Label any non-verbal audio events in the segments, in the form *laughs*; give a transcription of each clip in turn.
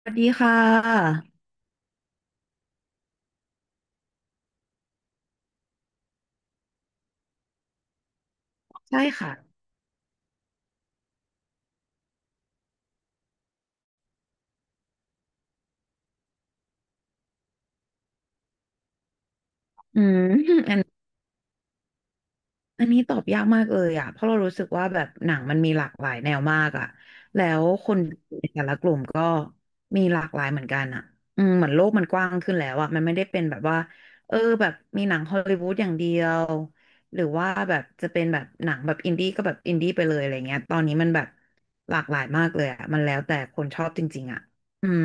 สวัสดีค่ะใช่ค่ะอืม *laughs* อันอันนี้ตอบยากมากเลยอ่ะเพราะเรารู้สึกว่าแบบหนังมันมีหลากหลายแนวมากอ่ะแล้วคนในแต่ละกลุ่มก็มีหลากหลายเหมือนกันอ่ะอืมเหมือนโลกมันกว้างขึ้นแล้วอ่ะมันไม่ได้เป็นแบบว่าเออแบบมีหนังฮอลลีวูดอย่างเดียวหรือว่าแบบจะเป็นแบบหนังแบบอินดี้ก็แบบอินดี้ไปเลยอะไรเงี้ยตอนนี้มันแบบหลากหลายมากเลยอ่ะมันแล้วแต่คนชอบจริงๆอ่ะอืม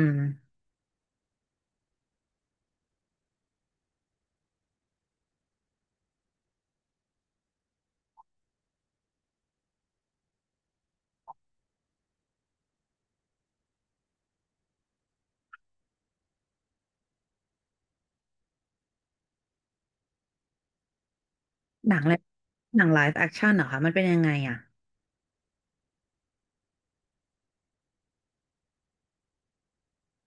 หนังอะไรหนังไลฟ์แอคชั่นเหรอคะมันเป็นยังไงอ่ะ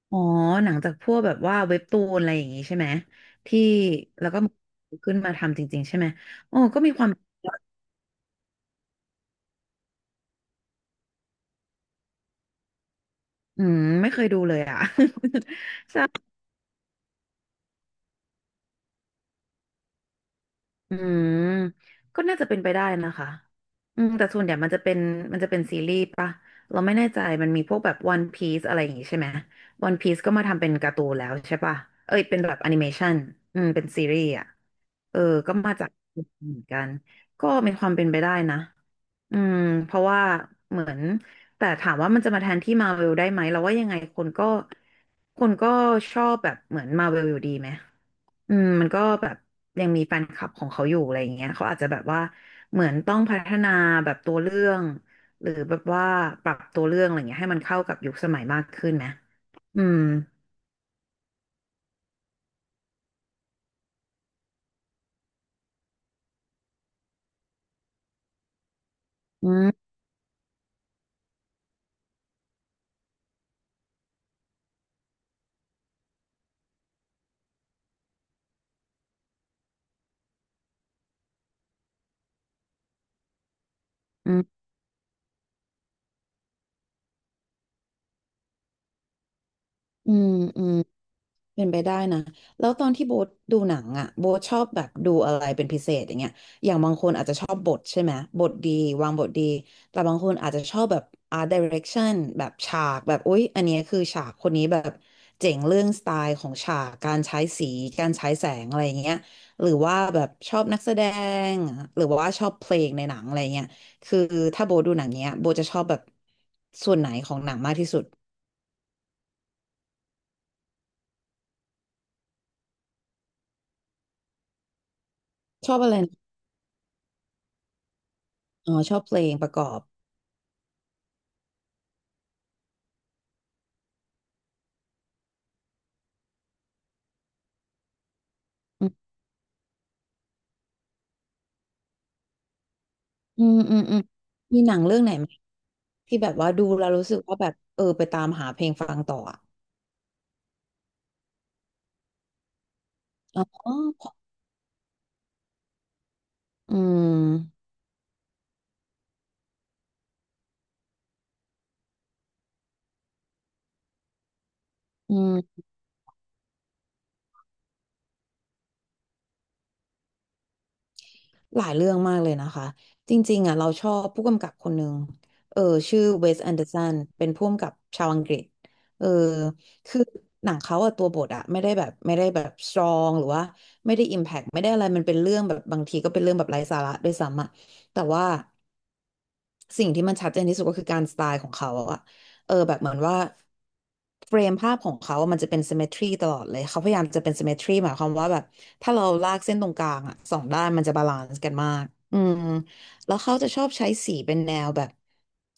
อ๋อหนังจากพวกแบบว่าเว็บตูนอะไรอย่างงี้ใช่ไหมที่แล้วก็ขึ้นมาทำจริงๆใช่ไหมโอ้ก็มีความอืมไม่เคยดูเลยอ่ะ *laughs* ใช่ อืมก็น่าจะเป็นไปได้นะคะอืมแต่ส่วนใหญ่มันจะเป็นซีรีส์ปะเราไม่แน่ใจมันมีพวกแบบ One Piece อะไรอย่างงี้ใช่ไหม One Piece ก็มาทำเป็นการ์ตูนแล้วใช่ปะเอ้ยเป็นแบบแอนิเมชันอืมเป็นซีรีส์อ่ะเออก็มาจากเหมือนกันก็มีความเป็นไปได้นะอืมเพราะว่าเหมือนแต่ถามว่ามันจะมาแทนที่มาเวลได้ไหมเราว่ายังไงคนก็ชอบแบบเหมือนมาเวลอยู่ดีไหม อืมมันก็แบบยังมีแฟนคลับของเขาอยู่อะไรอย่างเงี้ยเขาอาจจะแบบว่าเหมือนต้องพัฒนาแบบตัวเรื่องหรือแบบว่าปรับตัวเรื่องอะไรเงี้ยให้มันเข้ากับยุคสมัยมากขึ้นนะอืมอืมอืมอืมอืม เป็นไปได้นะ แล้วตอนที่โบ๊ทดูหนังอ่ะโบ๊ทชอบแบบดูอะไรเป็นพิเศษอย่างเงี้ยอย่างบางคนอาจจะชอบบทใช่ไหมบทดีวางบทดีแต่บางคนอาจจะชอบแบบ art direction แบบฉากแบบอุ๊ยอันเนี้ยคือฉากคนนี้แบบเจ๋งเรื่องสไตล์ของฉากการใช้สีการใช้แสงอะไรอย่างเงี้ยหรือว่าแบบชอบนักแสดงหรือว่าชอบเพลงในหนังอะไรเงี้ยคือถ้าโบทดูหนังเนี้ยโบทจะชอบแบบส่วนไหนของหนังมากที่สุดชอบอะไรนะอ๋อชอบเพลงประกอบ อืมมีหนังเรื่องไหนไหมที่แบบว่าดูแล้วรู้สึกว่าแบบเออไปตามหาเพลงฟังต่ออ่ะอ๋ออืมอืมหลายเรื่องมากเลยนะคะจริงๆอ่ะเราชอบผู้กำกับคนหนึ่งเออชื่อเวสแอนเดอร์สันเป็นผู้กำกับชาวอังกฤษเออคือหนังเขาอะตัวบทอะไม่ได้แบบสตรองหรือว่าไม่ได้อิมแพกไม่ได้อะไรมันเป็นเรื่องแบบบางทีก็เป็นเรื่องแบบไร้สาระด้วยซ้ำอะแต่ว่า สิ่งที่มันชัดเจนที่สุดก็คือการสไตล์ของเขาอะเออแบบเหมือนว่าเฟรมภาพของเขาอะมันจะเป็น symmetry ตลอดเลย เขาพยายามจะเป็น symmetry หมายความว่าแบบถ้าเราลากเส้นตรงกลางอะสองด้านมันจะบาลานซ์กันมากอืมแล้วเขาจะชอบใช้สีเป็นแนวแบบ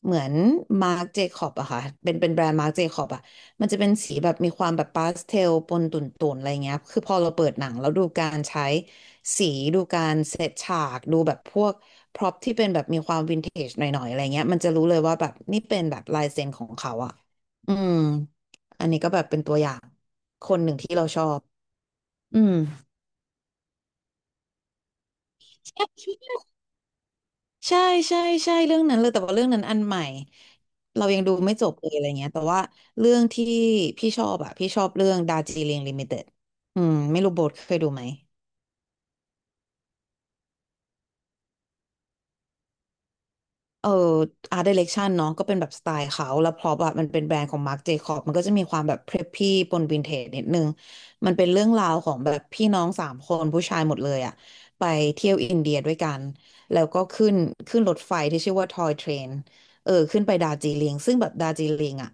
เหมือนมาร์ j เจคอบอะค่ะเป็นแบรนด์มาร์ j เจคอบอะมันจะเป็นสีแบบมีความแบบพาสเทลปนตุ่นๆอะไรเงี้ยคือพอเราเปิดหนังแล้วดูการใช้ สีดูการเซตฉากดูแบบพวกพร็อพที่เป็นแบบมีความวินเทจหน่อยๆอะไรเงี้ยมันจะรู้เลยว่าแบบนี่เป็นแบบลายเซ็นของเขาอ่ะอืมอันนี้ก็แบบเป็นตัวอย่างคนหนึ่งที่เราชอบอืมใช่ใช่ใช่เรื่องนั้นเลยแต่ว่าเรื่องนั้นอันใหม่เรายังดูไม่จบเลยอะไรเงี้ยแต่ว่าเรื่องที่พี่ชอบอ่ะพี่ชอบเรื่องดาร์จิลิงลิมิเต็ดอืมไม่รู้โบทเคยดูไหม เอ่อ art direction เนาะก็เป็นแบบสไตล์เขาแล้วพร็อพอะมันเป็นแบรนด์ของ Marc Jacob มันก็จะมีความแบบ preppy ปนวินเทจนิดนึงมันเป็นเรื่องราวของแบบพี่น้องสามคนผู้ชายหมดเลยอะไปเที่ยวอินเดียด้วยกันแล้วก็ขึ้นรถไฟที่ชื่อว่า Toy Train เออขึ้นไปดาร์จิลิงซึ่งแบบดาร์จิลิงอะ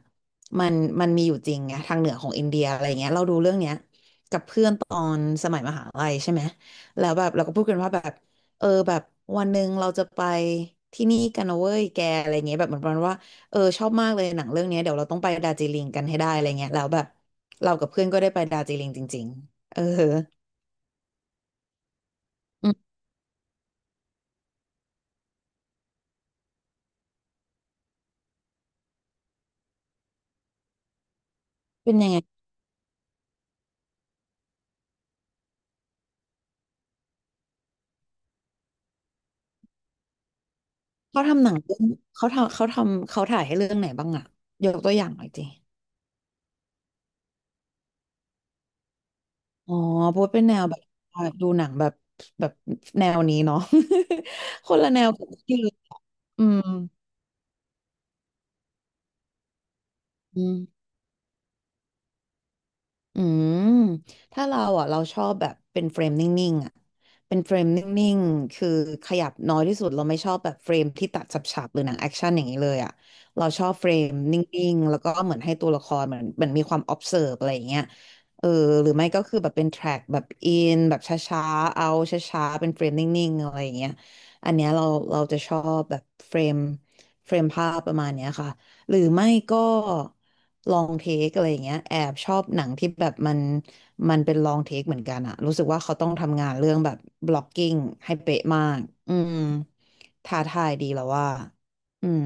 มันมันมีอยู่จริงไงทางเหนือของอินเดียอะไรเงี้ยเราดูเรื่องเนี้ยกับเพื่อนตอนสมัยมหาลัยใช่ไหมแล้วแบบเราก็พูดกันว่าแบบ เออแบบวันหนึ่งเราจะไปที่นี่กันนะเว้ยแกอะไรเงี้ยแบบเหมือนประมาณว่าเออชอบมากเลยหนังเรื่องเนี้ยเดี๋ยวเราต้องไปดาร์จิลิงกันให้ได้อะไรเงี้ยแล้วแบบเรากับเพื่อนก็ได้ไปดาร์จิลิงจริงๆเอออืมเป็นยังไงเขาทำหนังเรื่องเขาทำเขาทำเขาถ่ายให้เรื่องไหนบ้างอะยกตัวอย่างหน่อยสิอ๋อพราวเป็นแนวแบบดูหนังแบบแบบแนวนี้เนาะ *laughs* คนละแนวกับที่อืมอืม อืมถ้าเราอ่ะเราชอบแบบเป็นเฟรมนิ่งๆอ่ะเป็นเฟรมนิ่งๆคือขยับน้อยที่สุดเราไม่ชอบแบบเฟรมที่ตัดฉับๆหรือหนังแอคชั่นอย่างนี้เลยอ่ะเราชอบเฟรมนิ่งๆแล้วก็เหมือนให้ตัวละครเหมือนเหมือนมีความ observe อะไรอย่างเงี้ยเออหรือไม่ก็คือแบบเป็น track แบบอินแบบช้าๆเอาช้าๆเป็นเฟรมนิ่งๆอะไรอย่างเงี้ยอันเนี้ยเราจะชอบแบบเฟรมภาพประมาณเนี้ยค่ะหรือไม่ก็ ลองเทคอะไรอย่างเงี้ยแอบชอบหนังที่แบบมันเป็นลองเทคเหมือนกันอะรู้สึกว่าเขาต้องทำงานเรื่องแบบบล็อกกิ้งให้เป๊ะมากอืมท้าทายดีแล้วว่าอืม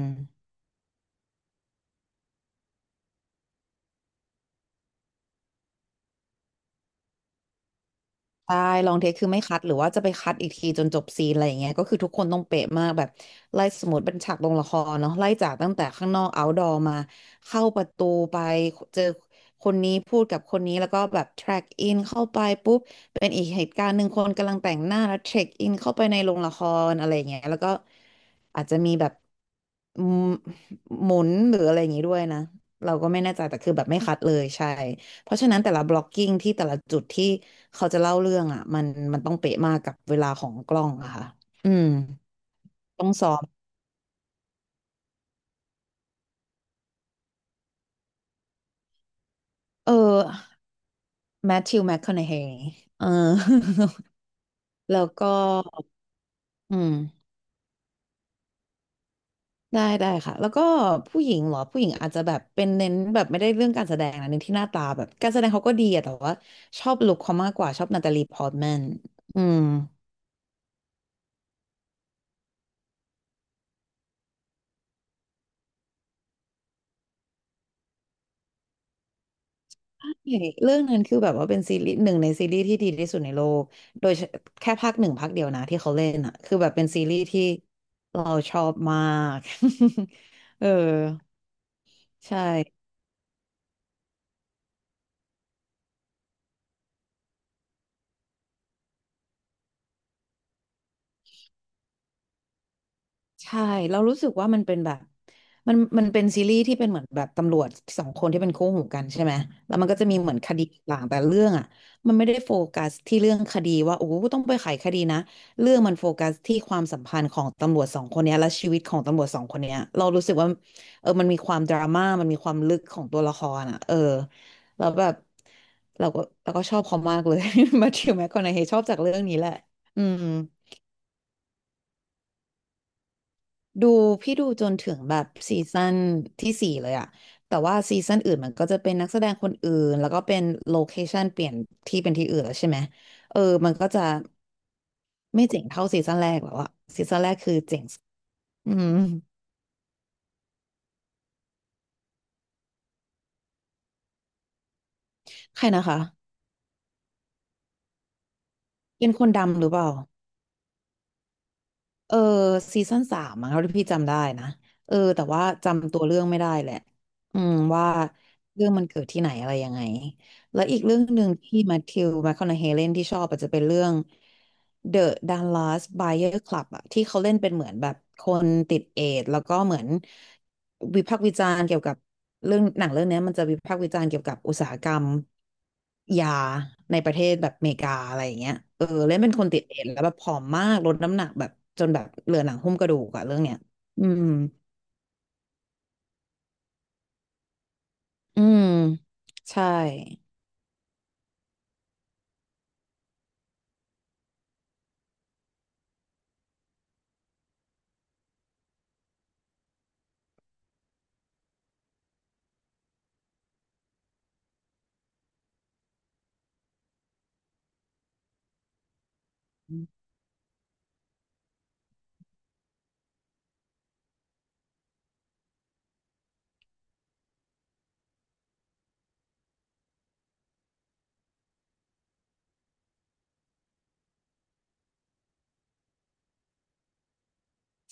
ใช่ลองเทคคือไม่คัดหรือว่าจะไปคัดอีกทีจนจบซีนอะไรอย่างเงี้ยก็คือทุกคนต้องเป๊ะมากแบบไล่สมมติเป็นฉากลงละครเนาะไล่จากตั้งแต่ข้างนอกเอาท์ดอมาเข้าประตูไปเจอคนนี้พูดกับคนนี้แล้วก็แบบแทร็กอินเข้าไปปุ๊บเป็นอีกเหตุการณ์หนึ่งคนกำลังแต่งหน้าแล้วเทร็กอินเข้าไปในโรงละครอะไรอย่างเงี้ยแล้วก็อาจจะมีแบบหมุนหรืออะไรอย่างงี้ด้วยนะเราก็ไม่แน่ใจแต่คือแบบไม่คัดเลยใช่ เพราะฉะนั้นแต่ละ blocking ที่แต่ละจุดที่เขาจะเล่าเรื่องอ่ะมันต้องเป๊ะมากกับเวลาของกล้องอะค่ะอืมต้องซ้อมเออแมทธิวแมคคอนเฮย์เออ *laughs* แล้วก็อืมได้ได้ค่ะแล้วก็ผู้หญิงเหรอผู้หญิงอาจจะแบบเป็นเน้นแบบไม่ได้เรื่องการแสดงนะเน้นที่หน้าตาแบบการแสดงเขาก็ดีอะแต่ว่าชอบลุคเขามากกว่าชอบนาตาลีพอร์ตแมนอืม ใช่เรื่องนั้นคือแบบว่าเป็นซีรีส์หนึ่งในซีรีส์ที่ดีที่สุดในโลก โดยเฉแค่ภาคหนึ่งภาคเดียวนะที่เขาเล่นอ่ะคือแบบเป็นซีรีส์ที่เราชอบมาก *laughs* เออใช่ ใช่เรารู้สึกว่ามันเป็นแบบมันเป็นซีรีส์ที่เป็นเหมือนแบบตำรวจสองคนที่เป็นคู่หูกันใช่ไหมแล้วมันก็จะมีเหมือนคดีต่างแต่เรื่องอ่ะมันไม่ได้โฟกัสที่เรื่องคดีว่าโอ้โหต้องไปไขคดีนะเรื่องมันโฟกัสที่ความสัมพันธ์ของตำรวจสองคนเนี้ยและชีวิตของตำรวจสองคนเนี้ยเรารู้สึกว่าเออมันมีความดราม่ามันมีความลึกของตัวละครอ่ะเออแล้วแบบเราก็ชอบเขามากเลย *laughs* มาธิวแมคคอนาเฮชอบจากเรื่องนี้แหละอืม ดูพี่ดูจนถึงแบบซีซั่นที่สี่เลยอะแต่ว่าซีซั่นอื่นมันก็จะเป็นนักแสดงคนอื่นแล้วก็เป็นโลเคชันเปลี่ยนที่เป็นที่อื่นแล้วใช่ไหมเออมันก็จะไม่เจ๋งเท่าซีซั่นแรกแล้วอะซีซั่นแรกคือเจ๋งสุดอืมใครนะคะเป็นคนดำหรือเปล่าเออซีซั่นสามมั้งเท่าที่พี่จำได้นะเออแต่ว่าจำตัวเรื่องไม่ได้แหละอืมว่าเรื่องมันเกิดที่ไหนอะไรยังไง แล้วอีกเรื่องหนึ่งที่แมทธิวแมคคอนาเฮเลนที่ชอบอาจจะเป็นเรื่อง The Dallas Buyer Club อะที่เขาเล่นเป็นเหมือนแบบคนติดเอดส์แล้วก็เหมือนวิพากษ์วิจารณ์เกี่ยวกับเรื่องหนังเรื่องเนี้ยมันจะวิพากษ์วิจารณ์เกี่ยวกับอุตสาหกรรมยาในประเทศแบบอเมริกาอะไรอย่างเงี้ยเออเล่นเป็นคนติดเอดส์แล้วแบบผอมมากลดน้ำหนักแบบจนแบบเหลือหนังหุ้มกระดูกอะเรื่องเนี้ยอืมอืมใช่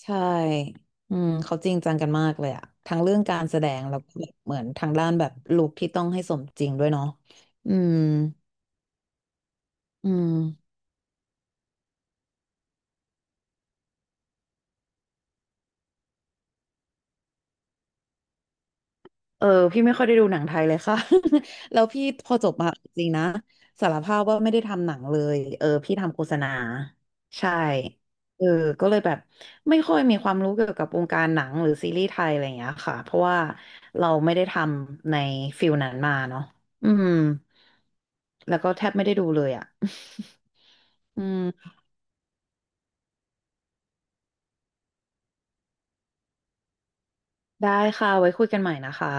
ใช่อืมเขาจริงจังกันมากเลยอะทั้งเรื่องการแสดงแล้วก็แบบเหมือนทางด้านแบบลุคที่ต้องให้สมจริงด้วยเนาะ อืมอืมเออพี่ไม่ค่อยได้ดูหนังไทยเลยค่ะ *laughs* แล้วพี่พอจบมาจริงนะสารภาพว่าไม่ได้ทำหนังเลยเออพี่ทำโฆษณาใช่เออก็เลยแบบไม่ค่อยมีความรู้เกี่ยวกับวงการหนังหรือซีรีส์ไทยอะไรอย่างเงี้ยค่ะเพราะว่าเราไม่ได้ทำในฟิลนั้นมาเนาะอืมแล้วก็แทบไม่ได้ดูเลยอะ อืมได้ค่ะไว้คุยกันใหม่นะคะ